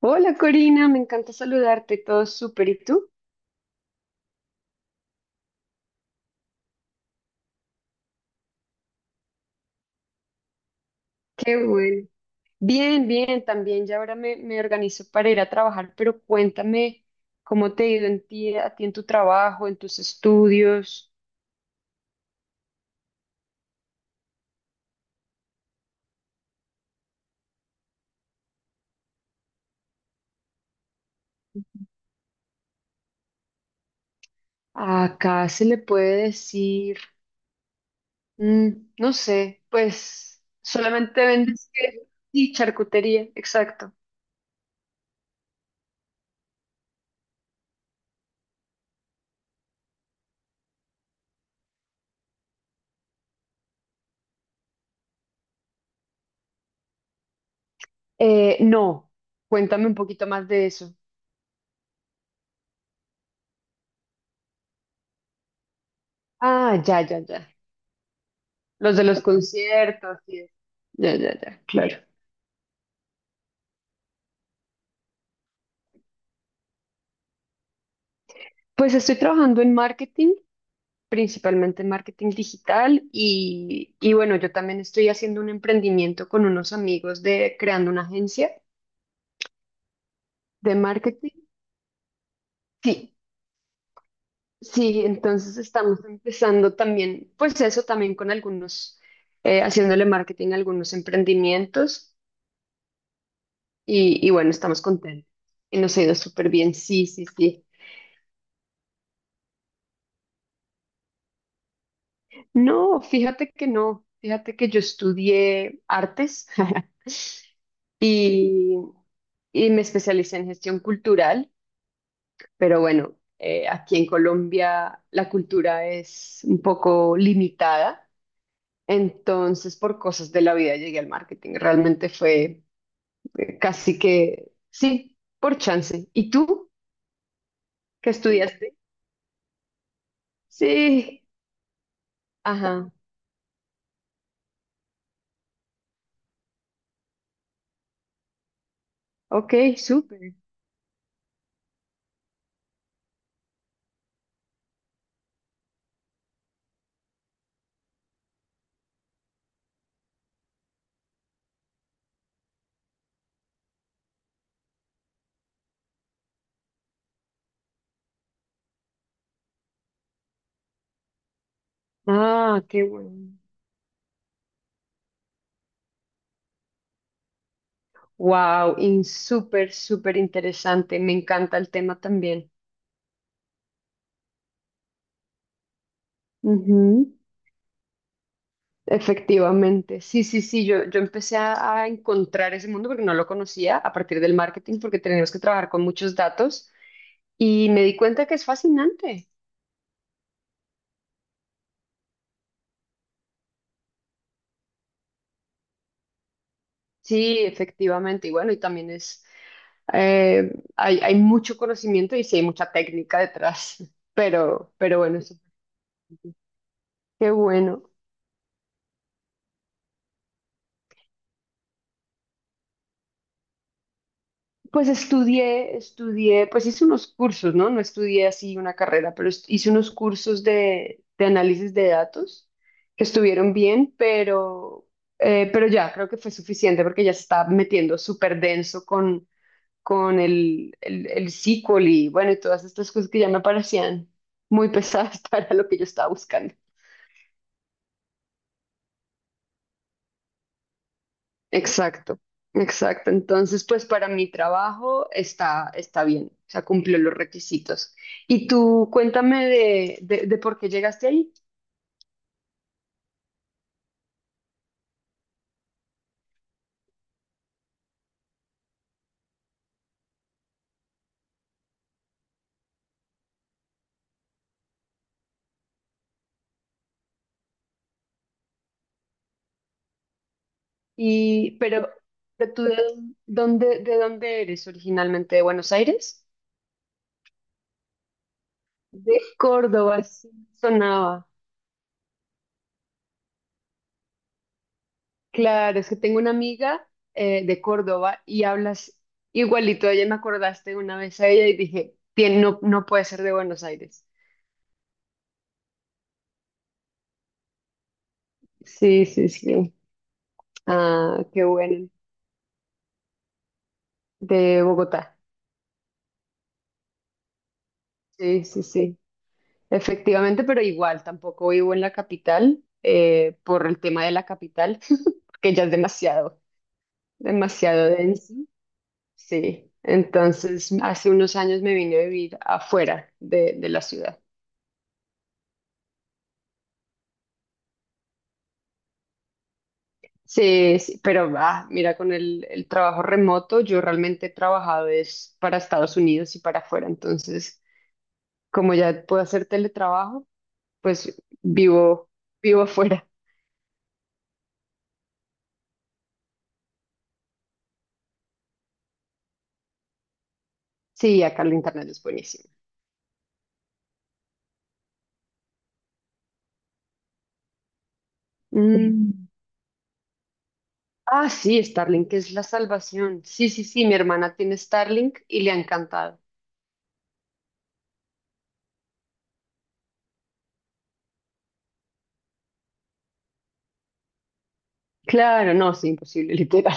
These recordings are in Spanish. Hola Corina, me encanta saludarte, todo súper. ¿Y tú? Qué bueno. Bien, bien, también ya ahora me organizo para ir a trabajar, pero cuéntame cómo te ha ido a ti en tu trabajo, en tus estudios. Acá se le puede decir, mm, no sé, pues solamente vendes queso y charcutería, exacto. No, cuéntame un poquito más de eso. Ah, ya, ya, ya. Los de los conciertos, sí. Ya, ya, ya, claro. Pues estoy trabajando en marketing, principalmente en marketing digital y bueno, yo también estoy haciendo un emprendimiento con unos amigos de creando una agencia de marketing. Sí, sí, entonces estamos empezando también, pues eso también con algunos, haciéndole marketing a algunos emprendimientos y bueno, estamos contentos y nos ha ido súper bien, sí, sí, sí. No, fíjate que no, fíjate que yo estudié artes. Y, y me especialicé en gestión cultural, pero bueno, aquí en Colombia la cultura es un poco limitada, entonces por cosas de la vida llegué al marketing. Realmente fue casi que, sí, por chance. ¿Y tú qué estudiaste? Sí, ajá, ok, súper. Ah, qué bueno. Wow, súper, súper interesante. Me encanta el tema también. Efectivamente, sí, sí, sí, yo empecé a encontrar ese mundo porque no lo conocía a partir del marketing porque tenemos que trabajar con muchos datos y me di cuenta que es fascinante. Sí, efectivamente, y bueno, y también es, hay mucho conocimiento y sí hay mucha técnica detrás, pero bueno, eso- qué bueno. Pues estudié, estudié, pues hice unos cursos, ¿no? No estudié así una carrera, pero hice unos cursos de análisis de datos que estuvieron bien, pero ya creo que fue suficiente porque ya se estaba metiendo súper denso con el SQL y bueno, y todas estas cosas que ya me parecían muy pesadas para lo que yo estaba buscando. Exacto, exacto. Entonces, pues para mi trabajo está, está bien, o sea, cumplió los requisitos. Y tú cuéntame de por qué llegaste ahí. Y, pero tú de dónde eres originalmente, ¿de Buenos Aires? De Córdoba, sí, sonaba. Claro, es que tengo una amiga de Córdoba y hablas igualito. A ella me acordaste una vez a ella y dije, No, no puede ser de Buenos Aires". Sí, sí, sí. Ah, qué bueno. De Bogotá. Sí, sí, sí. Efectivamente, pero igual tampoco vivo en la capital por el tema de la capital, que ya es demasiado, demasiado denso. Sí. Entonces, hace unos años me vine a vivir afuera de la ciudad. Sí, sí, pero ah, mira, con el trabajo remoto, yo realmente he trabajado es para Estados Unidos y para afuera. Entonces, como ya puedo hacer teletrabajo, pues vivo afuera. Sí, acá el internet es buenísimo. Mm. Ah, sí, Starlink es la salvación. Sí, sí, sí, mi hermana tiene Starlink y le ha encantado. Claro, no, es imposible, literal.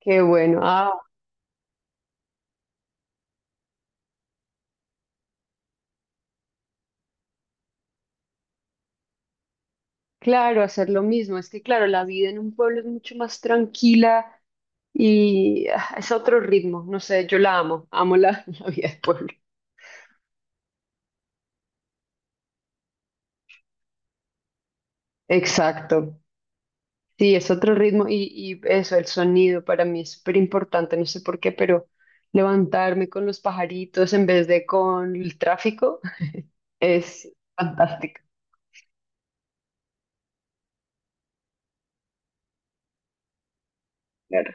Qué bueno. Ah, claro, hacer lo mismo. Es que, claro, la vida en un pueblo es mucho más tranquila y ah, es otro ritmo. No sé, yo la amo, la vida del pueblo. Exacto. Sí, es otro ritmo y eso, el sonido para mí es súper importante, no sé por qué, pero levantarme con los pajaritos en vez de con el tráfico es fantástico. Claro.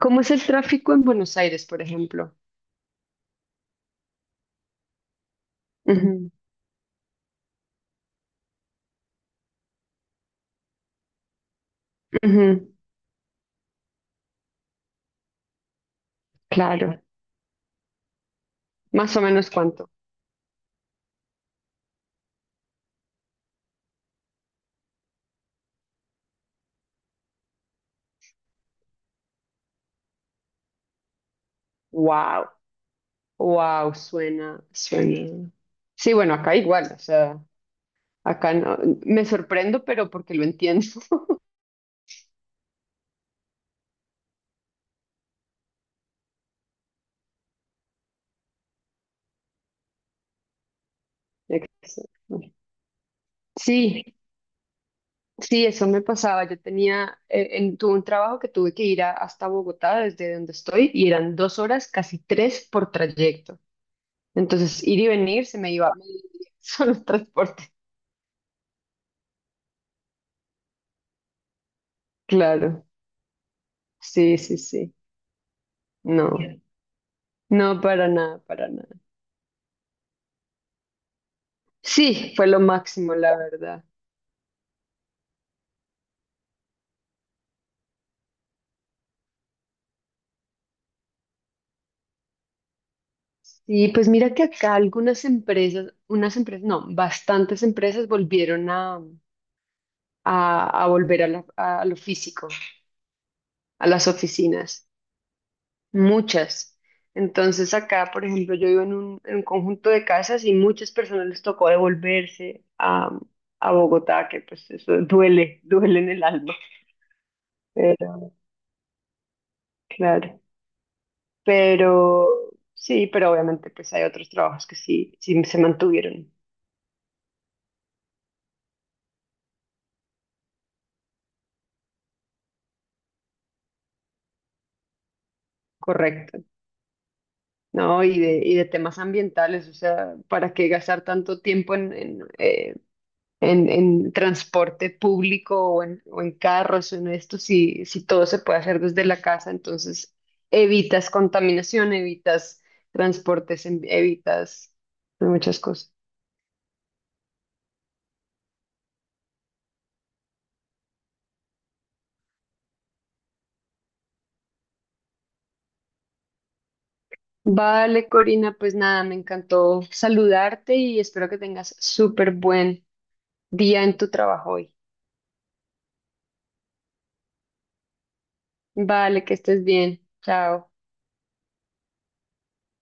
¿Cómo es el tráfico en Buenos Aires, por ejemplo? Ujú, ujú, claro, más o menos cuánto. Wow, wow, suena, suena. Sí, bueno, acá igual, o sea, acá no, me sorprendo, pero porque lo entiendo. Exacto. Sí, sí, eso me pasaba. Yo tenía, tuve un trabajo que tuve que ir hasta Bogotá, desde donde estoy, y eran dos horas, casi tres por trayecto. Entonces, ir y venir se me iba medio día solo en transporte. Claro, sí, sí, sí. No, no, para nada, para nada. Sí, fue lo máximo, la verdad. Y pues mira que acá algunas empresas, unas empresas, no, bastantes empresas volvieron a volver a a lo físico, a las oficinas. Muchas. Entonces acá, por ejemplo, yo vivo en un conjunto de casas y muchas personas les tocó devolverse a Bogotá, que pues eso duele, duele en el alma. Pero, claro. Pero sí, pero obviamente pues hay otros trabajos que sí, sí se mantuvieron. Correcto. No, y de temas ambientales, o sea, ¿para qué gastar tanto tiempo en transporte público o en carros o en esto, si, si todo se puede hacer desde la casa, entonces evitas contaminación, evitas transportes, evitas muchas cosas. Vale, Corina, pues nada, me encantó saludarte y espero que tengas súper buen día en tu trabajo hoy. Vale, que estés bien. Chao.